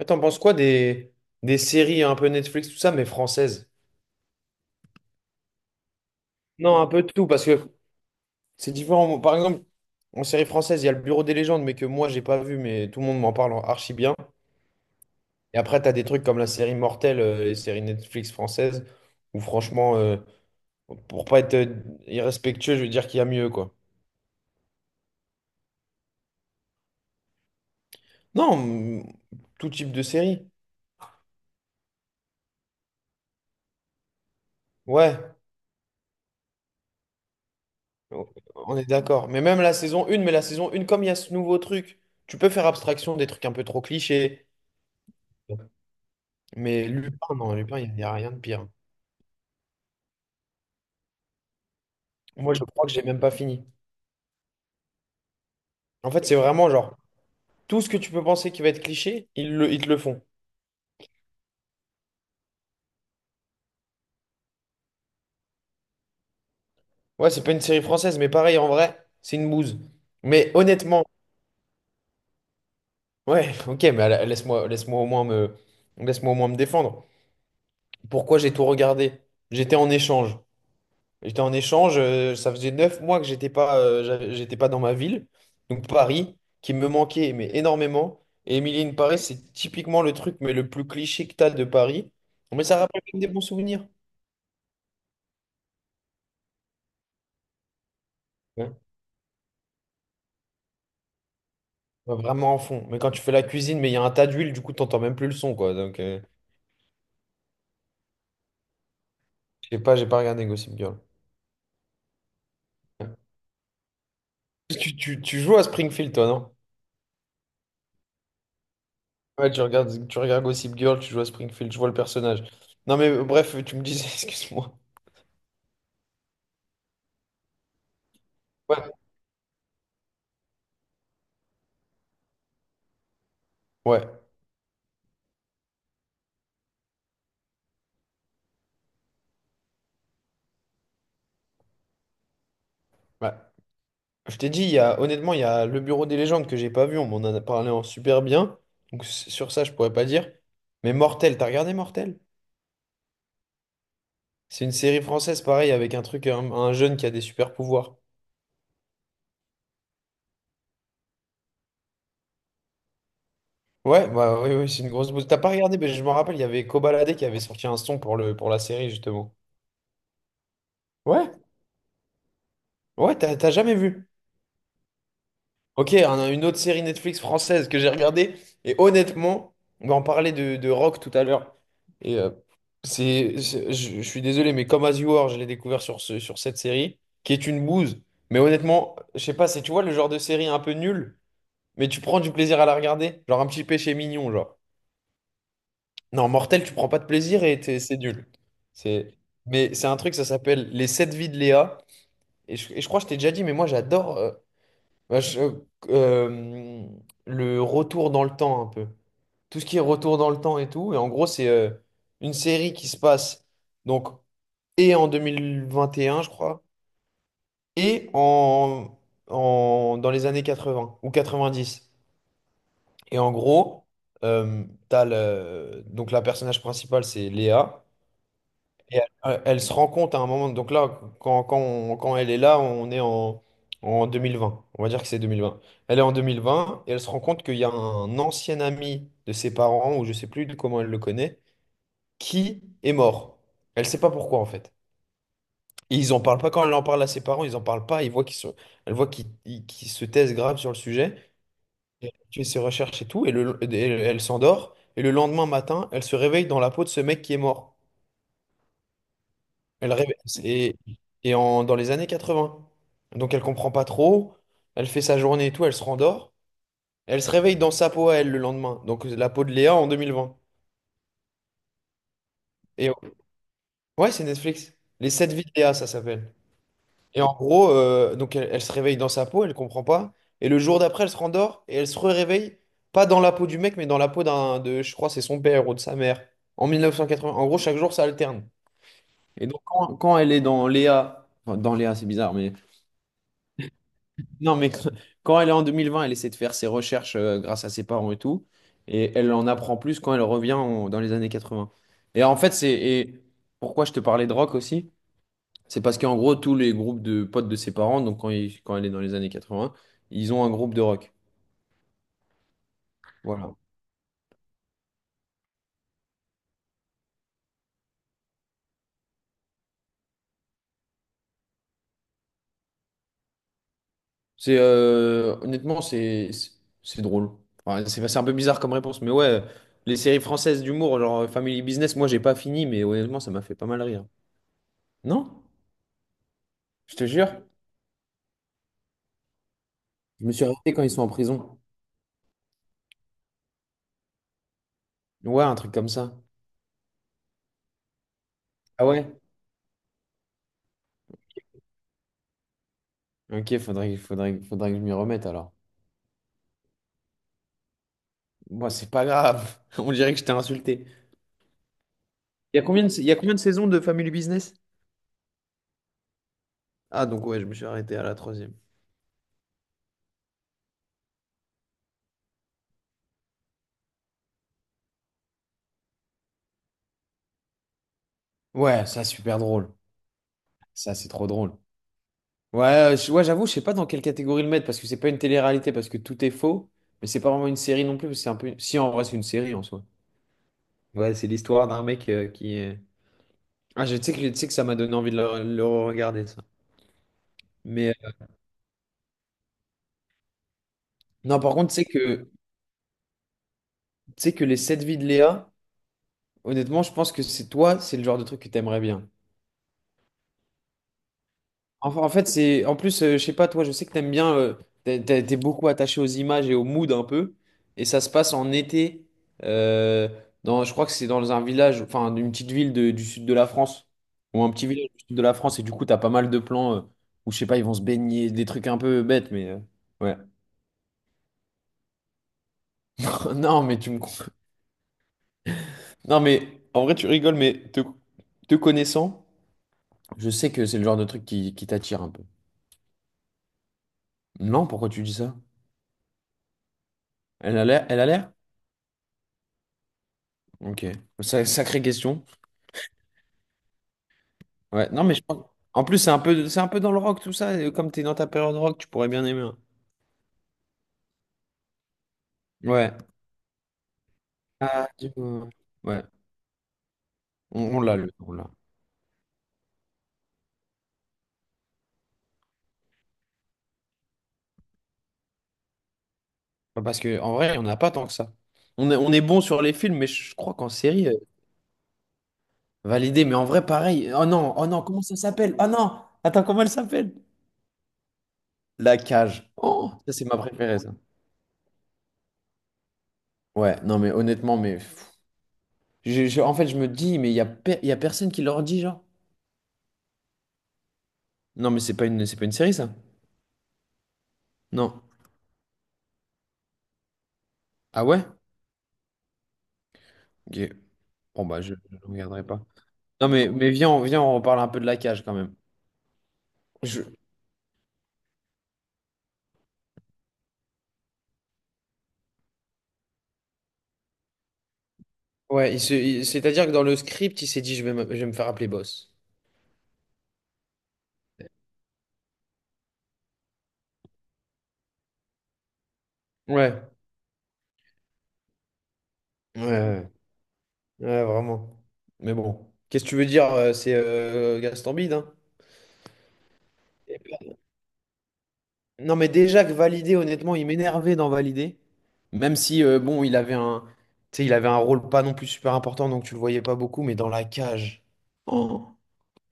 Et t'en penses quoi des séries un peu Netflix, tout ça, mais françaises? Non, un peu de tout, parce que c'est différent. Par exemple, en série française, il y a le Bureau des légendes, mais que moi, j'ai pas vu, mais tout le monde m'en parle en archi bien. Et après, t'as des trucs comme la série Mortelle, les séries Netflix françaises, où franchement, pour pas être irrespectueux, je veux dire qu'il y a mieux, quoi. Non, mm, tout type de série. Ouais, on est d'accord. Mais même la saison 1, mais la saison 1, comme il y a ce nouveau truc, tu peux faire abstraction des trucs un peu trop clichés. Mais Lupin, non, Lupin, il n'y a rien de pire. Moi, je crois que j'ai même pas fini. En fait, c'est vraiment genre, tout ce que tu peux penser qui va être cliché, ils te le font. Ouais, c'est pas une série française, mais pareil, en vrai, c'est une bouse. Mais honnêtement, ouais, ok, mais laisse-moi, laisse-moi au moins me défendre. Pourquoi j'ai tout regardé? J'étais en échange. J'étais en échange, ça faisait 9 mois que j'étais pas, j'étais pas dans ma ville, donc Paris, qui me manquait mais énormément. Et Emily in Paris, c'est typiquement le truc mais le plus cliché que t'as de Paris. Mais ça rappelle quand même des bons souvenirs. Ouais. Ouais, vraiment en fond. Mais quand tu fais la cuisine, mais il y a un tas d'huile, du coup, t'entends même plus le son, quoi. Donc, je sais pas, j'ai pas regardé Gossip Girl. Ouais. Parce que tu joues à Springfield, toi, non? Ouais, tu regardes Gossip Girl, tu joues à Springfield, je vois le personnage. Non, mais bref, tu me disais, excuse-moi. Ouais, ouais, ouais. Je t'ai dit, il y a, honnêtement, il y a le Bureau des légendes que j'ai pas vu. On m'en a parlé en super bien. Donc sur ça, je pourrais pas dire. Mais Mortel, t'as regardé Mortel? C'est une série française, pareil, avec un jeune qui a des super pouvoirs. Ouais, bah oui, c'est une grosse bouse. T'as pas regardé, mais je me rappelle, il y avait Kobalade qui avait sorti un son pour pour la série, justement. Ouais, ouais, t'as jamais vu. Ok, on a une autre série Netflix française que j'ai regardée. Et honnêtement, on va en parler de Rock tout à l'heure. Et je suis désolé, mais comme As You Are, je l'ai découvert sur cette série, qui est une bouse. Mais honnêtement, je sais pas, c'est, tu vois, le genre de série un peu nulle, mais tu prends du plaisir à la regarder. Genre un petit péché mignon, genre. Non, Mortel, tu prends pas de plaisir et c'est nul. C'est, mais c'est un truc, ça s'appelle Les sept vies de Léa. Et je crois que je t'ai déjà dit, mais moi j'adore. Bah, je- euh, le retour dans le temps un peu. Tout ce qui est retour dans le temps et tout. Et en gros, c'est une série qui se passe donc et en 2021, je crois, et en, dans les années 80 ou 90. Et en gros, donc la personnage principale, c'est Léa. Et elle, elle se rend compte à un moment, donc là, quand elle est là, on est en 2020, on va dire que c'est 2020. Elle est en 2020 et elle se rend compte qu'il y a un ancien ami de ses parents, ou je sais plus de comment elle le connaît, qui est mort. Elle sait pas pourquoi en fait. Et ils en parlent pas quand elle en parle à ses parents, ils en parlent pas, ils voient qu'ils sont, elle voit qu'ils se taisent grave sur le sujet. Et elle fait ses recherches et tout, et elle s'endort, et le lendemain matin, elle se réveille dans la peau de ce mec qui est mort. Elle rêve et, et dans les années 80. Donc elle comprend pas trop, elle fait sa journée et tout, elle se rendort. Elle se réveille dans sa peau à elle le lendemain. Donc la peau de Léa en 2020. Et ouais, c'est Netflix. Les sept vies de Léa, ça s'appelle. Et en gros, elle se réveille dans sa peau, elle comprend pas. Et le jour d'après, elle se rendort et elle se réveille, pas dans la peau du mec, mais dans la peau je crois, c'est son père ou de sa mère. En 1980. En gros, chaque jour, ça alterne. Et donc quand elle est dans Léa, enfin, dans Léa, c'est bizarre, mais non, mais quand elle est en 2020, elle essaie de faire ses recherches grâce à ses parents et tout. Et elle en apprend plus quand elle revient dans les années 80. Et en fait, c'est et pourquoi je te parlais de rock aussi? C'est parce qu'en gros, tous les groupes de potes de ses parents, donc quand elle est dans les années 80, ils ont un groupe de rock. Voilà. C'est honnêtement, c'est c'est drôle. Enfin, c'est un peu bizarre comme réponse, mais ouais, les séries françaises d'humour, genre Family Business, moi, j'ai pas fini, mais honnêtement, ça m'a fait pas mal rire. Non? Je te jure. Je me suis arrêté quand ils sont en prison. Ouais, un truc comme ça. Ah ouais? Ok, faudrait que je m'y remette alors. Moi, c'est pas grave. On dirait que je t'ai insulté. Il y a combien de saisons de Family Business? Ah, donc ouais, je me suis arrêté à la troisième. Ouais, ça, super drôle. Ça, c'est trop drôle. Ouais, ouais, j'avoue, je sais pas dans quelle catégorie le mettre parce que c'est pas une télé-réalité parce que tout est faux, mais c'est pas vraiment une série non plus. Parce que c'est un peu… Si, en vrai, c'est une série en soi. Ouais, c'est l'histoire d'un mec qui est. Ah, je sais que ça m'a donné envie de le regarder, ça. Mais non, par contre, tu sais que les sept vies de Léa. Honnêtement, je pense que c'est toi, c'est le genre de truc que t'aimerais bien. Enfin, en fait, c'est en plus, je sais pas, toi, je sais que t'aimes bien, t'es beaucoup attaché aux images et au mood un peu, et ça se passe en été. euh, Dans, je crois que c'est dans un village, enfin, d'une petite ville du sud de la France, ou un petit village du sud de la France, et du coup, t'as pas mal de plans où je sais pas, ils vont se baigner, des trucs un peu bêtes, mais ouais. Non, mais tu me comprends. Non, mais en vrai, tu rigoles, mais te connaissant, je sais que c'est le genre de truc qui t'attire un peu. Non, pourquoi tu dis ça? Elle a l'air? Ok. Sacrée question. Ouais. Non, mais je pense. En plus, c'est un peu dans le rock, tout ça. Et comme t'es dans ta période rock, tu pourrais bien aimer, hein. Ouais. Ah, du coup, ouais. On l'a. Enfin, parce que en vrai, on n'a pas tant que ça. On est bon sur les films, mais je crois qu'en série, validé. Mais en vrai, pareil. Oh non, oh non, comment ça s'appelle? Oh non! Attends, comment elle s'appelle? La cage. Oh, ça, c'est ma préférée, ça. Ouais, non, mais honnêtement, mais pff, en fait, je me dis, mais il y a, il y a personne qui leur dit, genre. Non, mais c'est pas une série, ça? Non. Ah ouais? Ok. Bon, bah, je ne regarderai pas. Non, mais viens, viens, on reparle un peu de la cage quand même. Je- ouais, c'est-à-dire que dans le script, il s'est dit, je vais me faire appeler boss. Ouais. Ouais, ouais, ouais, vraiment. Mais bon. Qu'est-ce que tu veux dire? C'est Gaston Bide, hein? Non, mais déjà que Validé, honnêtement, il m'énervait dans Validé. Même si, bon, tu sais, il avait un rôle pas non plus super important, donc tu le voyais pas beaucoup, mais dans la cage. Oh.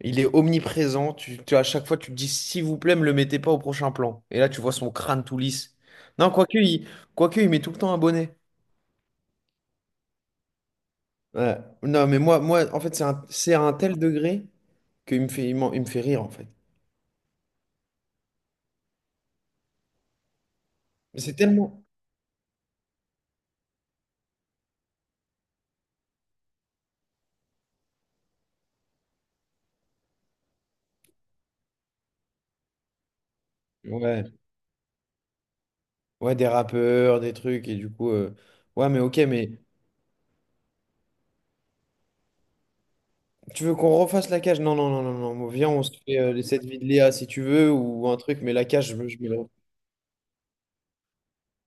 Il est omniprésent. À chaque fois, tu te dis, s'il vous plaît, me le mettez pas au prochain plan. Et là, tu vois son crâne tout lisse. Non, quoique, il met tout le temps un bonnet. Ouais. Non, moi, en fait, c'est à un tel degré qu'il me fait, il me fait rire, en fait. Mais c'est tellement. Ouais. Ouais, des rappeurs, des trucs, et du coup. Ouais, mais ok, mais tu veux qu'on refasse la cage? Non, non, non, non, non. Viens, on se fait les 7 vies de Léa si tu veux, ou un truc, mais la cage, je me le